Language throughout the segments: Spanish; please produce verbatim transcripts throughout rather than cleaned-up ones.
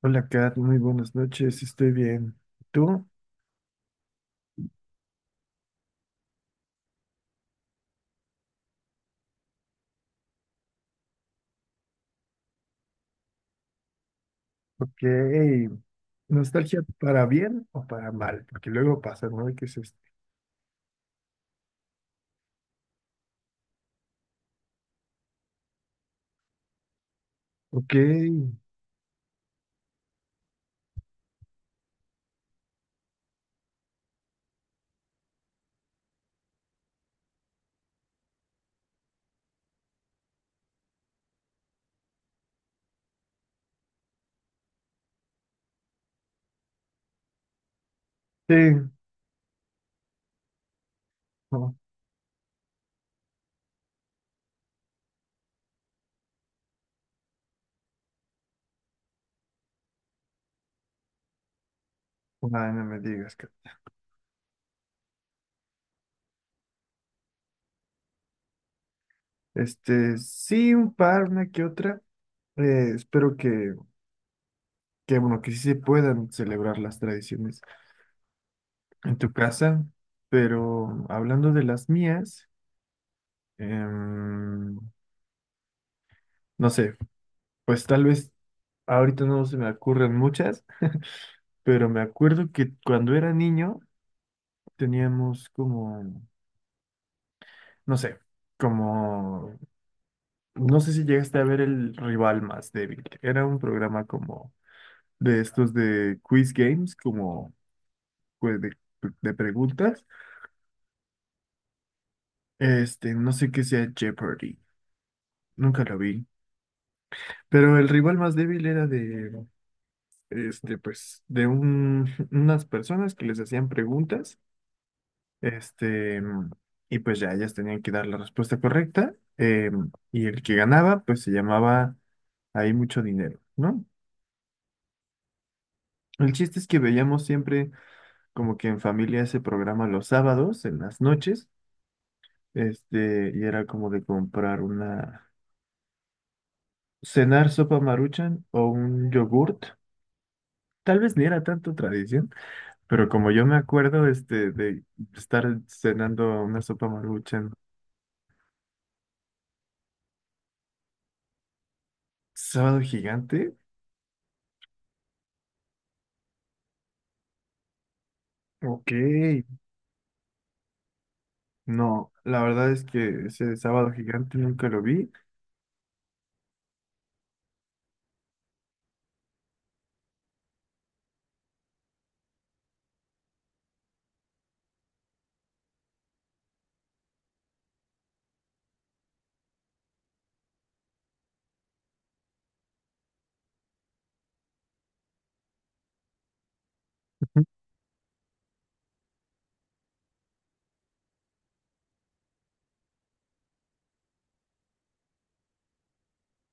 Hola Kat, muy buenas noches, estoy bien. ¿Tú? Ok. ¿Nostalgia para bien o para mal? Porque luego pasa, ¿no? ¿Qué es esto? Ok. Sí. No, ay, no me digas, Kat. Este, sí, un par, una que otra. Eh, espero que, que, bueno, que sí se puedan celebrar las tradiciones en tu casa. Pero hablando de las mías, em, no sé, pues tal vez ahorita no se me ocurren muchas. Pero me acuerdo que cuando era niño teníamos como, no sé, como, no sé si llegaste a ver el rival más débil. Era un programa como de estos de quiz games, como pues, de, de preguntas. Este, no sé qué sea Jeopardy, nunca lo vi. Pero el rival más débil era de, este, pues, de un, unas personas que les hacían preguntas. Este, y pues ya ellas tenían que dar la respuesta correcta. eh, y el que ganaba, pues se llamaba ahí mucho dinero, ¿no? El chiste es que veíamos siempre como que en familia ese programa los sábados, en las noches, este, y era como de comprar una, cenar sopa Maruchan o un yogurt. Tal vez ni era tanto tradición, pero como yo me acuerdo, este, de estar cenando una sopa Maruchan. Sábado gigante, ok. No, la verdad es que ese sábado gigante nunca lo vi.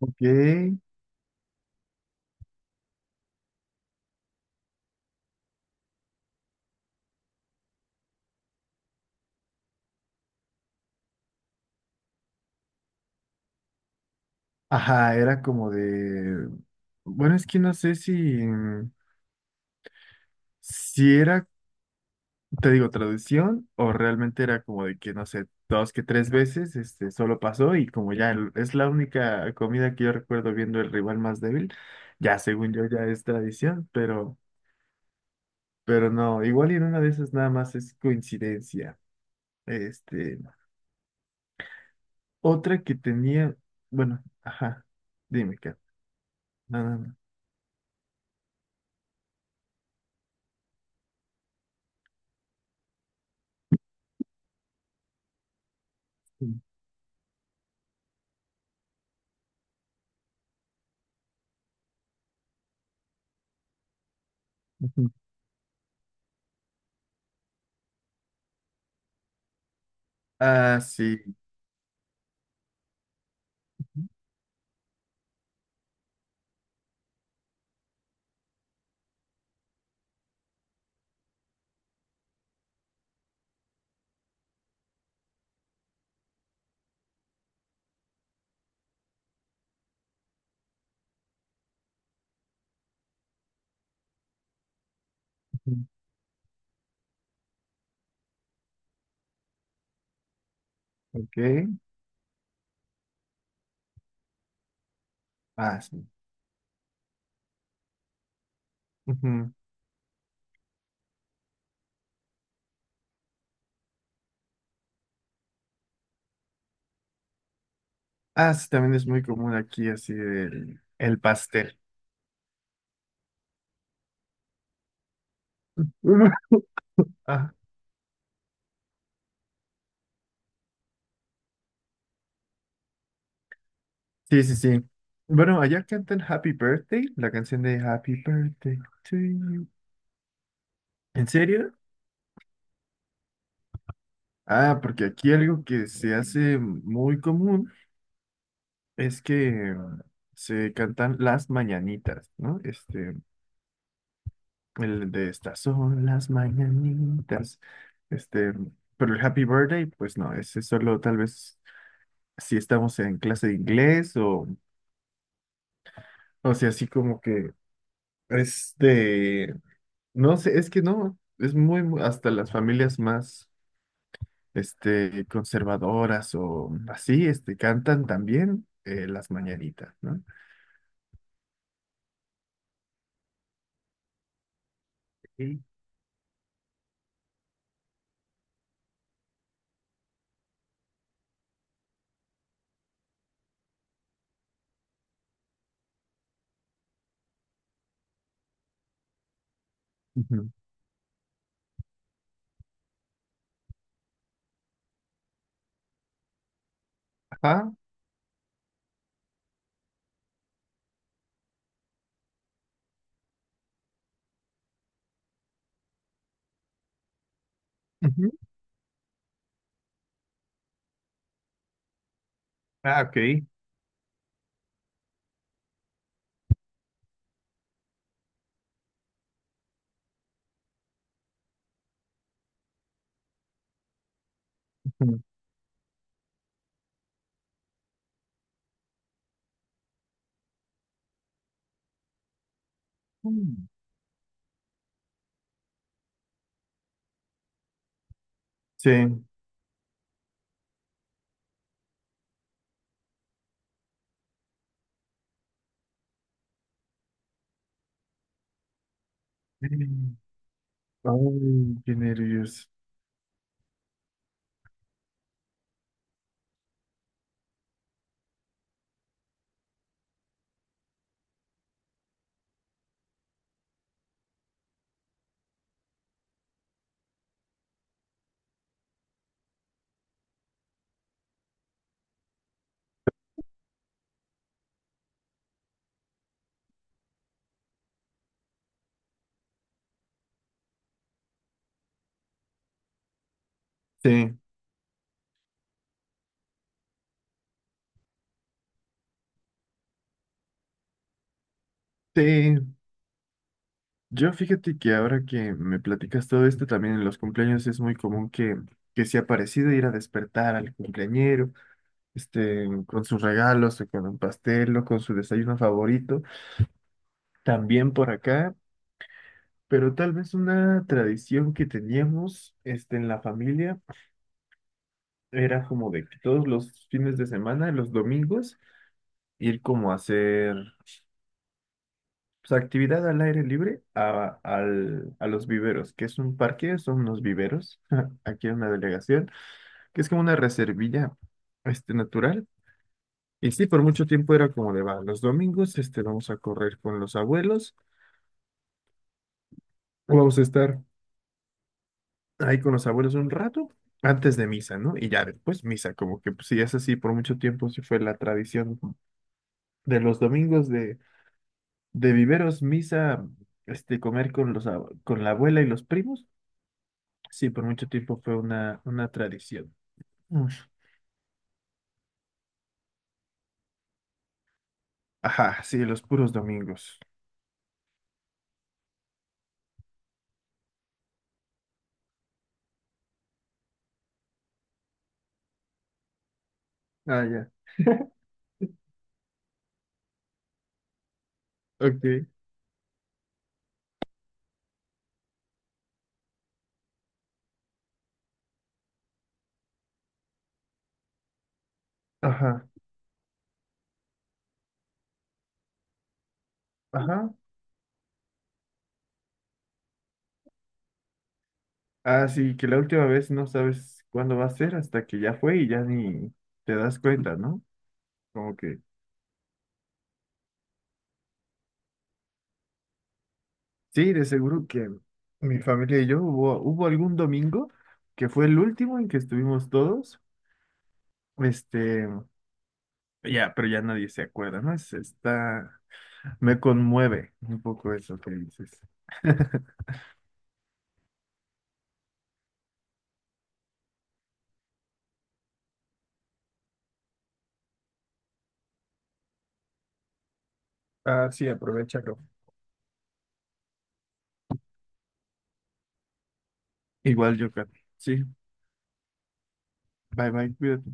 Ok. Ajá, era como de... Bueno, es que no sé si... Si era, te digo, traducción o realmente era como de que, no sé, dos que tres veces, este, solo pasó y como ya el- es la única comida que yo recuerdo viendo el rival más débil, ya según yo ya es tradición, pero, pero no, igual y en una de esas nada más es coincidencia. Este, Otra que tenía, bueno, ajá, dime, Kat, nada más. Sí. Ujú. Ah, sí. Ujú. Ok. Ah, sí. Ujú. Ah, sí, también es muy común aquí, así, el, el pastel. Ujú. Ah, sí, sí, sí. Bueno, allá cantan Happy Birthday, la canción de Happy Birthday to you. ¿En serio? Ah, porque aquí algo que se hace muy común es que se cantan las mañanitas, ¿no? Este, el de estas son las mañanitas. Este, pero el Happy Birthday, pues no, ese solo tal vez si estamos en clase de inglés o, o sea, así como que es de, no sé, es que no, es muy, muy- hasta las familias más, este, conservadoras o así, este, cantan también eh, las mañanitas, ¿no? Sí. Ujú. Ajá. Ujú. Ah, ok. Ujú. Mm. Sí. Mm. Ay, qué nervios. Sí, sí. Yo fíjate que ahora que me platicas todo esto, también en los cumpleaños es muy común que, que sea parecido ir a despertar al cumpleañero, este, con sus regalos, o con un pastel, o con su desayuno favorito, también por acá, pero tal vez una tradición que teníamos, este, en la familia era como de que todos los fines de semana, los domingos, ir como a hacer pues actividad al aire libre a, al- a los viveros, que es un parque, son unos viveros, aquí en una delegación, que es como una reservilla este, natural. Y sí, por mucho tiempo era como de, va, los domingos este, vamos a correr con los abuelos, o vamos a estar ahí con los abuelos un rato antes de misa, ¿no? Y ya después misa, como que pues, sí, es así, por mucho tiempo sí fue la tradición de los domingos de, de viveros, misa, este, comer con los, ab- con la abuela y los primos. Sí, por mucho tiempo fue una, una tradición. Ush. Ajá, sí, los puros domingos. Ah, ya. Ok. Ajá, ajá. Ah, sí, que la última vez no sabes cuándo va a ser hasta que ya fue y ya ni te das cuenta, ¿no? Como que... Sí, de seguro que mi familia y yo hubo, hubo algún domingo que fue el último en que estuvimos todos. Este, ya, pero ya nadie se acuerda, ¿no? Es, está... Me conmueve un poco eso que dices. Ah, sí, aprovechalo. Igual yo, creo. Sí, bye bye, cuídate.